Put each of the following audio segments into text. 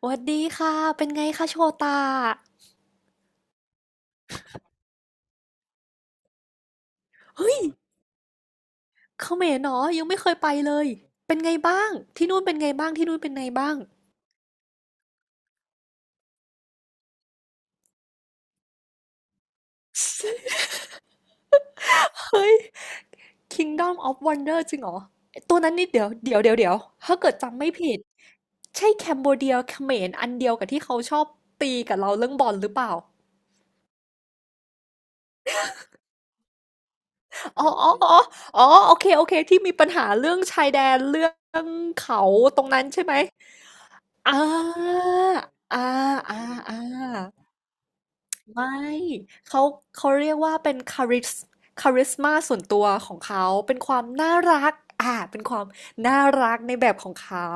สวัสดีค่ะเป็นไงคะโชตาเฮ้ยเขมรเนาะยังไม่เคยไปเลยเป็นไงบ้าง ที่นู่นเป็นไงบ้าง ที่นู่นเป็นไงบ้างเฮ้ย Kingdom of Wonder จริงเหรอตัวนั้นนี่เดี๋ยวถ้าเกิดจำไม่ผิด ใช่แคมโบเดียเขมรอันเดียวกับที่เขาชอบตีกับเราเรื่องบอลหรือเปล่าอ๋ออ๋ออ๋ออ๋อโอเค โอเค ที่มีปัญหาเรื่องชายแดนเรื่องเขาตรงนั้นใช่ไหมอ่าอ่าอ่าอ่า ไม่ เขาเขาเรียกว่าเป็นคาริสคาริสมาส่วนตัวของเขาเป็นความน่ารักเป็นความน่ารักในแบบของเขา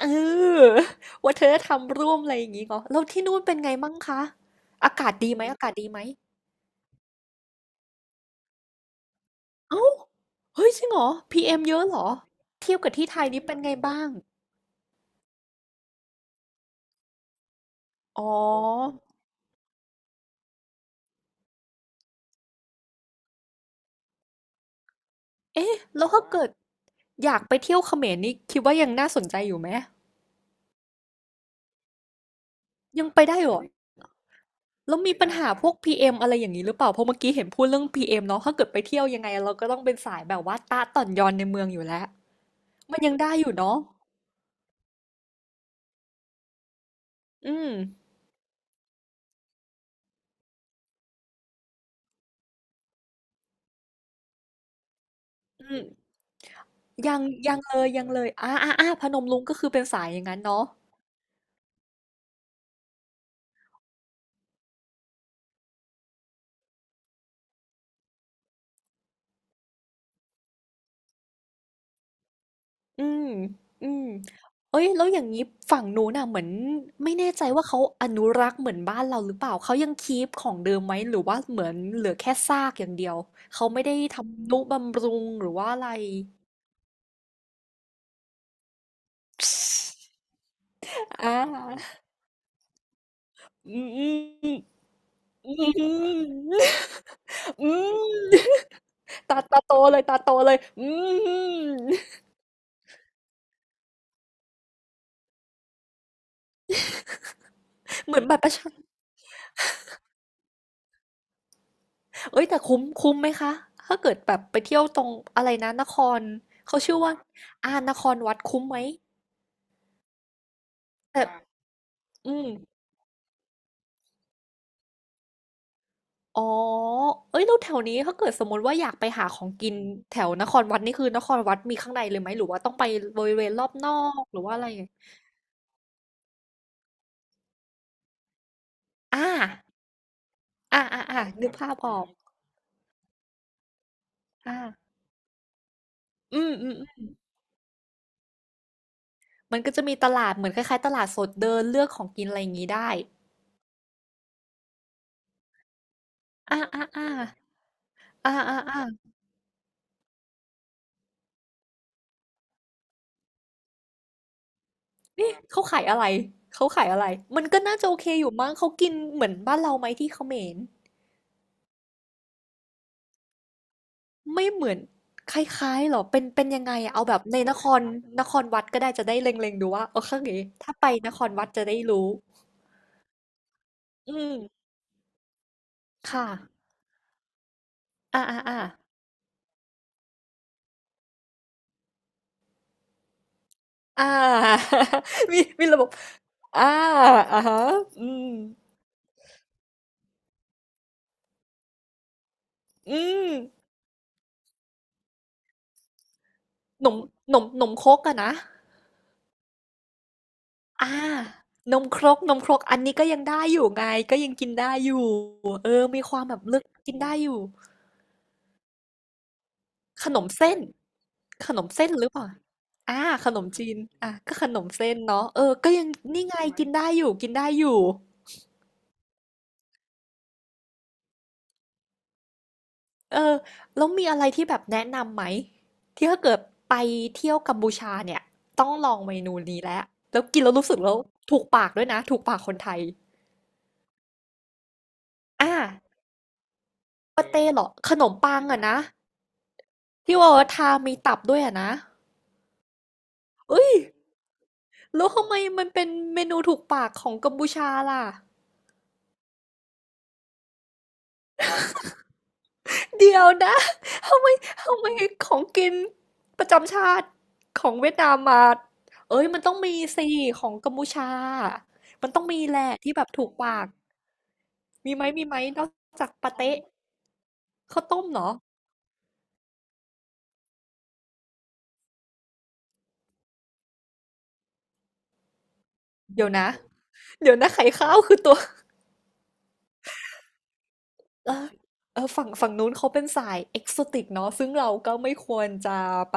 เออวัฒนธรรมร่วมอะไรอย่างงี้เหรอแล้วที่นู่นเป็นไงมั่งคะอากาศดีไหมอากาศดีไหมเอ้าเฮ้ยจริงเหรอ PM เอ็มเยอะเหรอเทียบกับที่ไทยนี่เป็นไงบ้างอ๋อเอ๊ะแล้วถ้าเกิดอยากไปเที่ยวเขมรนี่คิดว่ายังน่าสนใจอยู่ไหมยังไปได้เหรอ แล้วมีปัญหาพวก PM อมอะไรอย่างนี้หรือเปล่า เพราะเมื่อกี้เห็นพูดเรื่อง PM เอ็มเนาะถ้าเกิดไปเที่ยวยังไงเราก็ต้องเป็นสายแบบว่าตาต่อนยอนในเมืองอยู่แล้วมันยังได้อยู่เนาะ อืมอืมยังยังเลย ยังเลยพนมรุ้งก็คือเป็นสายอย่างนั้นเนาะอืมอืมเอ้ยแล้วอย่างนี้ฝั่งนู้นน่ะเหมือนไม่แน่ใจว่าเขาอนุรักษ์เหมือนบ้านเราหรือเปล่าเขายังคีปของเดิมไหมหรือว่าเหมือนเหลือแค่ซากอย่างเดียวเขาไม่ได้ทำนุบำรุงหรือว่าอะไรอ่า อืมอืมอืมอืมอืมตาตาโตเลยตาโตเลยอืมเหมือนบัตรประชาเอ้ยแต่คุ้มไหมคะถ้าเกิดแบบไปเที่ยวตรงอะไรนะนครเขาชื่อว่านครวัดคุ้มไหมแต่อืมอ๋อเอ้ยแล้วแถวนี้ถ้าเกิดสมมติว่าอยากไปหาของกินแถวนครวัดนี่คือนครวัดมีข้างในเลยไหมหรือว่าต้องไปบริเวณรอบนอกหรือว่าอะไรอ่านึกภาพออกอ่าอืมอืม มันก็จะมีตลาดเหมือนคล้ายๆตลาดสดเดินเลือกของกินอะไรอย่างงี้ได้อาๆๆอาๆๆเขาขายอะไรเขาขายอะไร มันก็น่าจะโอเคอยู่มั้งเขากินเหมือนบ้านเราไหมที่เขมรไม่เหมือนคล้ายๆเหรอเป็นยังไงอะเอาแบบในนครนครวัดก็ได้จะได้เล็งๆดูว่าเอเคถ้าไปนครวัดจะได้รู้อืมค่ะอาๆๆอา มีระบบอาอะฮะอืมอืมหนมหนมหนมครกอะนะ อานมครก นมครก อันนี้ก็ยังได้อยู่ไงก็ยังกินได้อยู่เออมีความแบบเลือกกินได้อยู่ขนมเส้นขนมเส้นหรือเปล่าอาขนมจีนอาก็ขนมเส้นเนาะเออก็ยังนี่ไง กินได้อยู่กินได้อยู่เออแล้วมีอะไรที่แบบแนะนำไหมที่ถ้าเกิดไปเที่ยวกัมพูชาเนี่ยต้องลองเมนูนี้แล้วแล้วกินแล้วรู้สึกแล้วถูกปากด้วยนะถูกปากคนไทยอาปาเต้เหรอ ขนมปังอะนะ ที่ว่าทามีตับด้วยอะนะเอ้ยแล้วทำไมมันเป็นเมนูถูกปากของกัมพูชาล่ะเดี๋ยวนะทำไมทำไมของกินประจำชาติของเวียดนามมาเอ้ยมันต้องมีสิของกัมพูชามันต้องมีแหละที่แบบถูกปากมีไหมนอกจากปาเต๊ะข้าวต้มเหรอเดี๋ยวนะเดี๋ยวนะไข่ข้าวคือตัว เออเออฝั่งฝั่งนู้นเขาเป็นสาย Exotic เนาะซึ่งเราก็ไม่ควรจะไป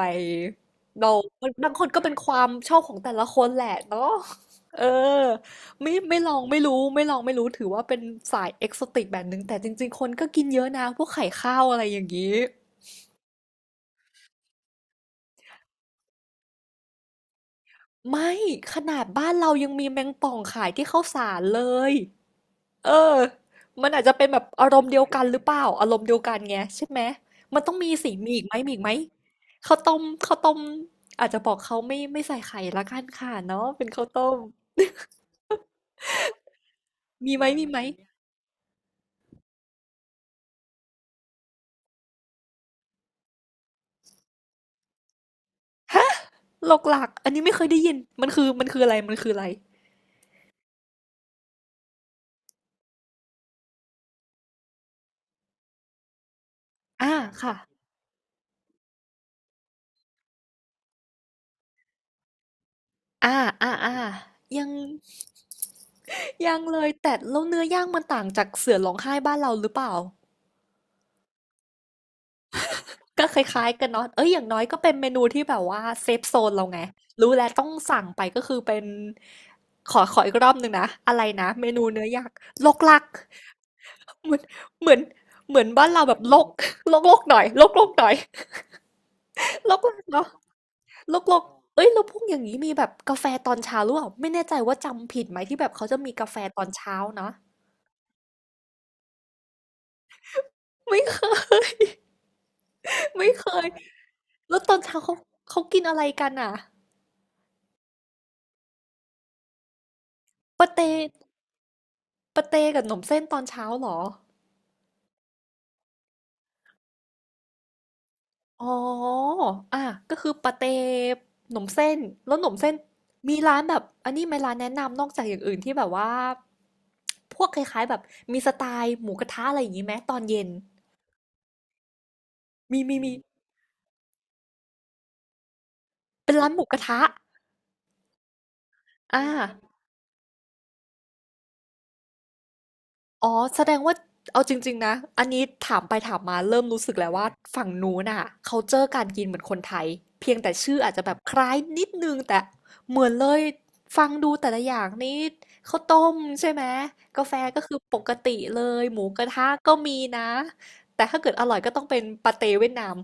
เราับางคนก็เป็นความชอบของแต่ละคนแหละเนาะเออไม่ลองไม่รู้ไม่ลองไม่รู้ถือว่าเป็นสาย Exotic แบบหนึ่งแต่จริงๆคนก็กินเยอะนะพวกไข่ข้าวอะไรอย่างนี้ไม่ขนาดบ้านเรายังมีแมงป่องขายที่ข้าวสารเลย เออมันอาจจะเป็นแบบอารมณ์เดียวกันหรือเปล่าอารมณ์เดียวกันไงใช่ไหมมันต้องมีสิมีอีกไหมข้าวต้มข้าวต้มอาจจะบอกเขาไม่ใส่ไข่ละกันค่ะเนาะเป็นข้าวต้มมีไหมฮะหลอกหลักอันนี้ไม่เคยได้ยินมันคืออะไรมันคืออะไรอ่าค่ะอ่าอ่าอ่ายังยังเลยแต่แล้วเนื้อย่างมันต่างจากเสือร้องไห้บ้านเราหรือเปล่า ก็คล้ายๆกันเนาะเอ้ยอย่างน้อยก็เป็นเมนูที่แบบว่าเซฟโซนเราไงรู้แล้วต้องสั่งไปก็คือเป็นขอขออีกรอบหนึ่งนะอะไรนะเมนูเนื้อยักษ์ลกลักเหมือนเหมือนเหมือนบ้านเราแบบลก ลกลกหน่อยลกลกหน่อยลกลักเนาะลกลกเอ้ยแล้วพวกอย่างนี้มีแบบกาแฟตอนเช้าหรือเปล่าไม่แน่ใจว่าจำผิดไหมที่แบบเขาจะมีกาแฟตอนเช้าเนาะไม่เคย ไม่เคยแล้วตอนเช้าเขากินอะไรกันอ่ะปาเต้ปาเต้กับขนมเส้นตอนเช้าเหรอ อ๋ออ่ะก็คือปาเต้หนมเส้น แล้วหนมเส้นมีร้านแบบอันนี้ไหมร้านแนะนำนอกจากอย่างอื่นที่แบบว่า พวกคล้ายๆแบบมีสไตล์หมูกระทะอะไรอย่างนี้ไหมตอนเย็น มีเป็นร้านหมูกระทะอ่า อ๋อแสดงว่าเอาจริงๆนะอันนี้ถามไปถามมาเริ่มรู้สึกแล้วว่าฝั่งนู้นน่ะเขาเจอการกินเหมือนคนไทยเพียงแต่ชื่ออาจจะแบบคล้ายนิดนึงแต่เหมือนเลยฟังดูแต่ละอย่างนี่ข้าวต้มใช่ไหมกาแฟก็คือปกติเลยหมูกระทะก็มีนะแต่ถ้าเกิดอร่อยก็ต้องเป็นปาเต้เวียดนาม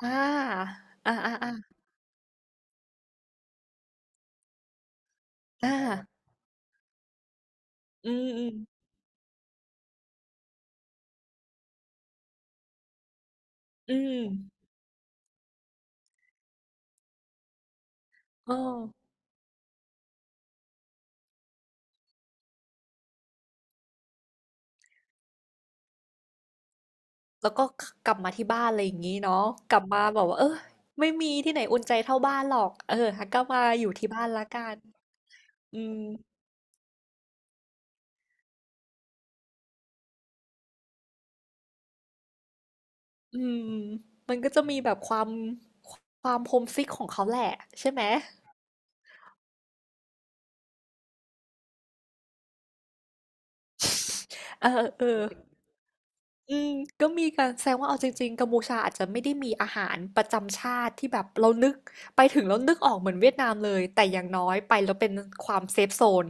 อ่าอ่าอ่าอ่าอ่าอืมอืมอืมอ๋อ แล้วก็ขกลับมาที่บ้านอะไรอย่างงี้เนาะกลับมาแบบว่าเออไม่มีที่ไหนอุ่นใจเท่าบ้านหรอกเอองั้นก็มาอยู่ที่บ้านแล้วกันอืมอืมมันก็จะมีแบบความคความ homesick ของเขาแหละใช่ไหมเออๆอืมก็มีการแสดงว่าเอาจริงๆกัมพูชาอาจจะไม่ได้มีอาหารประจำชาติที่แบบเรานึกไปถึงแล้วนึกออกเหมือนเวียดนามเลยแต่อย่างน้อยไปแล้วเป็นความเซฟโซน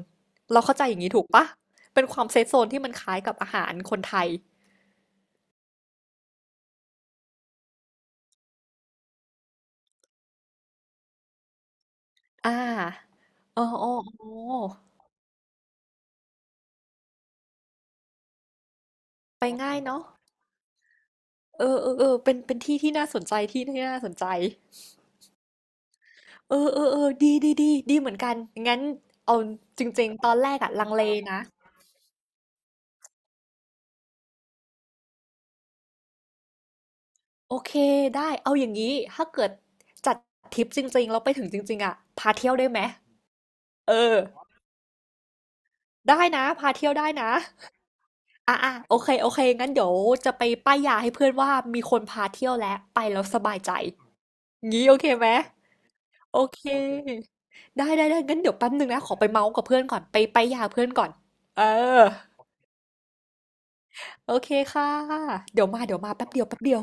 เราเข้าใจอย่างงี้ถูกเปล่าเป็นความเซฟโซนที่มันคล้ายกับอาหารคนไทย อ่าโอ้โอ้โอ้ไปง่ายเนาะ เออเออเออเป็นที่ที่น่าสนใจที่ที่น่าสนใจเออเออเออดีดีดีดีเหมือนกันงั้นเอาจริงๆตอนแรกอะลังเลนะโอเค ได้เอาอย่างนี้ถ้าเกิดจัดทริปจริงๆแล้วไปถึงจริงๆอะพาเที่ยวได้ไหมเออได้นะ พาเที่ยวได้นะอ่ะอ่ะโอเคโอเคงั้นเดี๋ยวจะไปป้ายยาให้เพื่อนว่ามีคนพาเที่ยวแล้วไปแล้วสบายใจงี้โอเคไหม โอเค ได้ได้ได้งั้นเดี๋ยวแป๊บนึงนะ ขอไปเมาส์กับเพื่อนก่อนไปไปยาเพื่อนก่อนเออโอเคค่ะ เดี๋ยวมาเดี๋ยวมาแป๊บเดียวแป๊บเดียว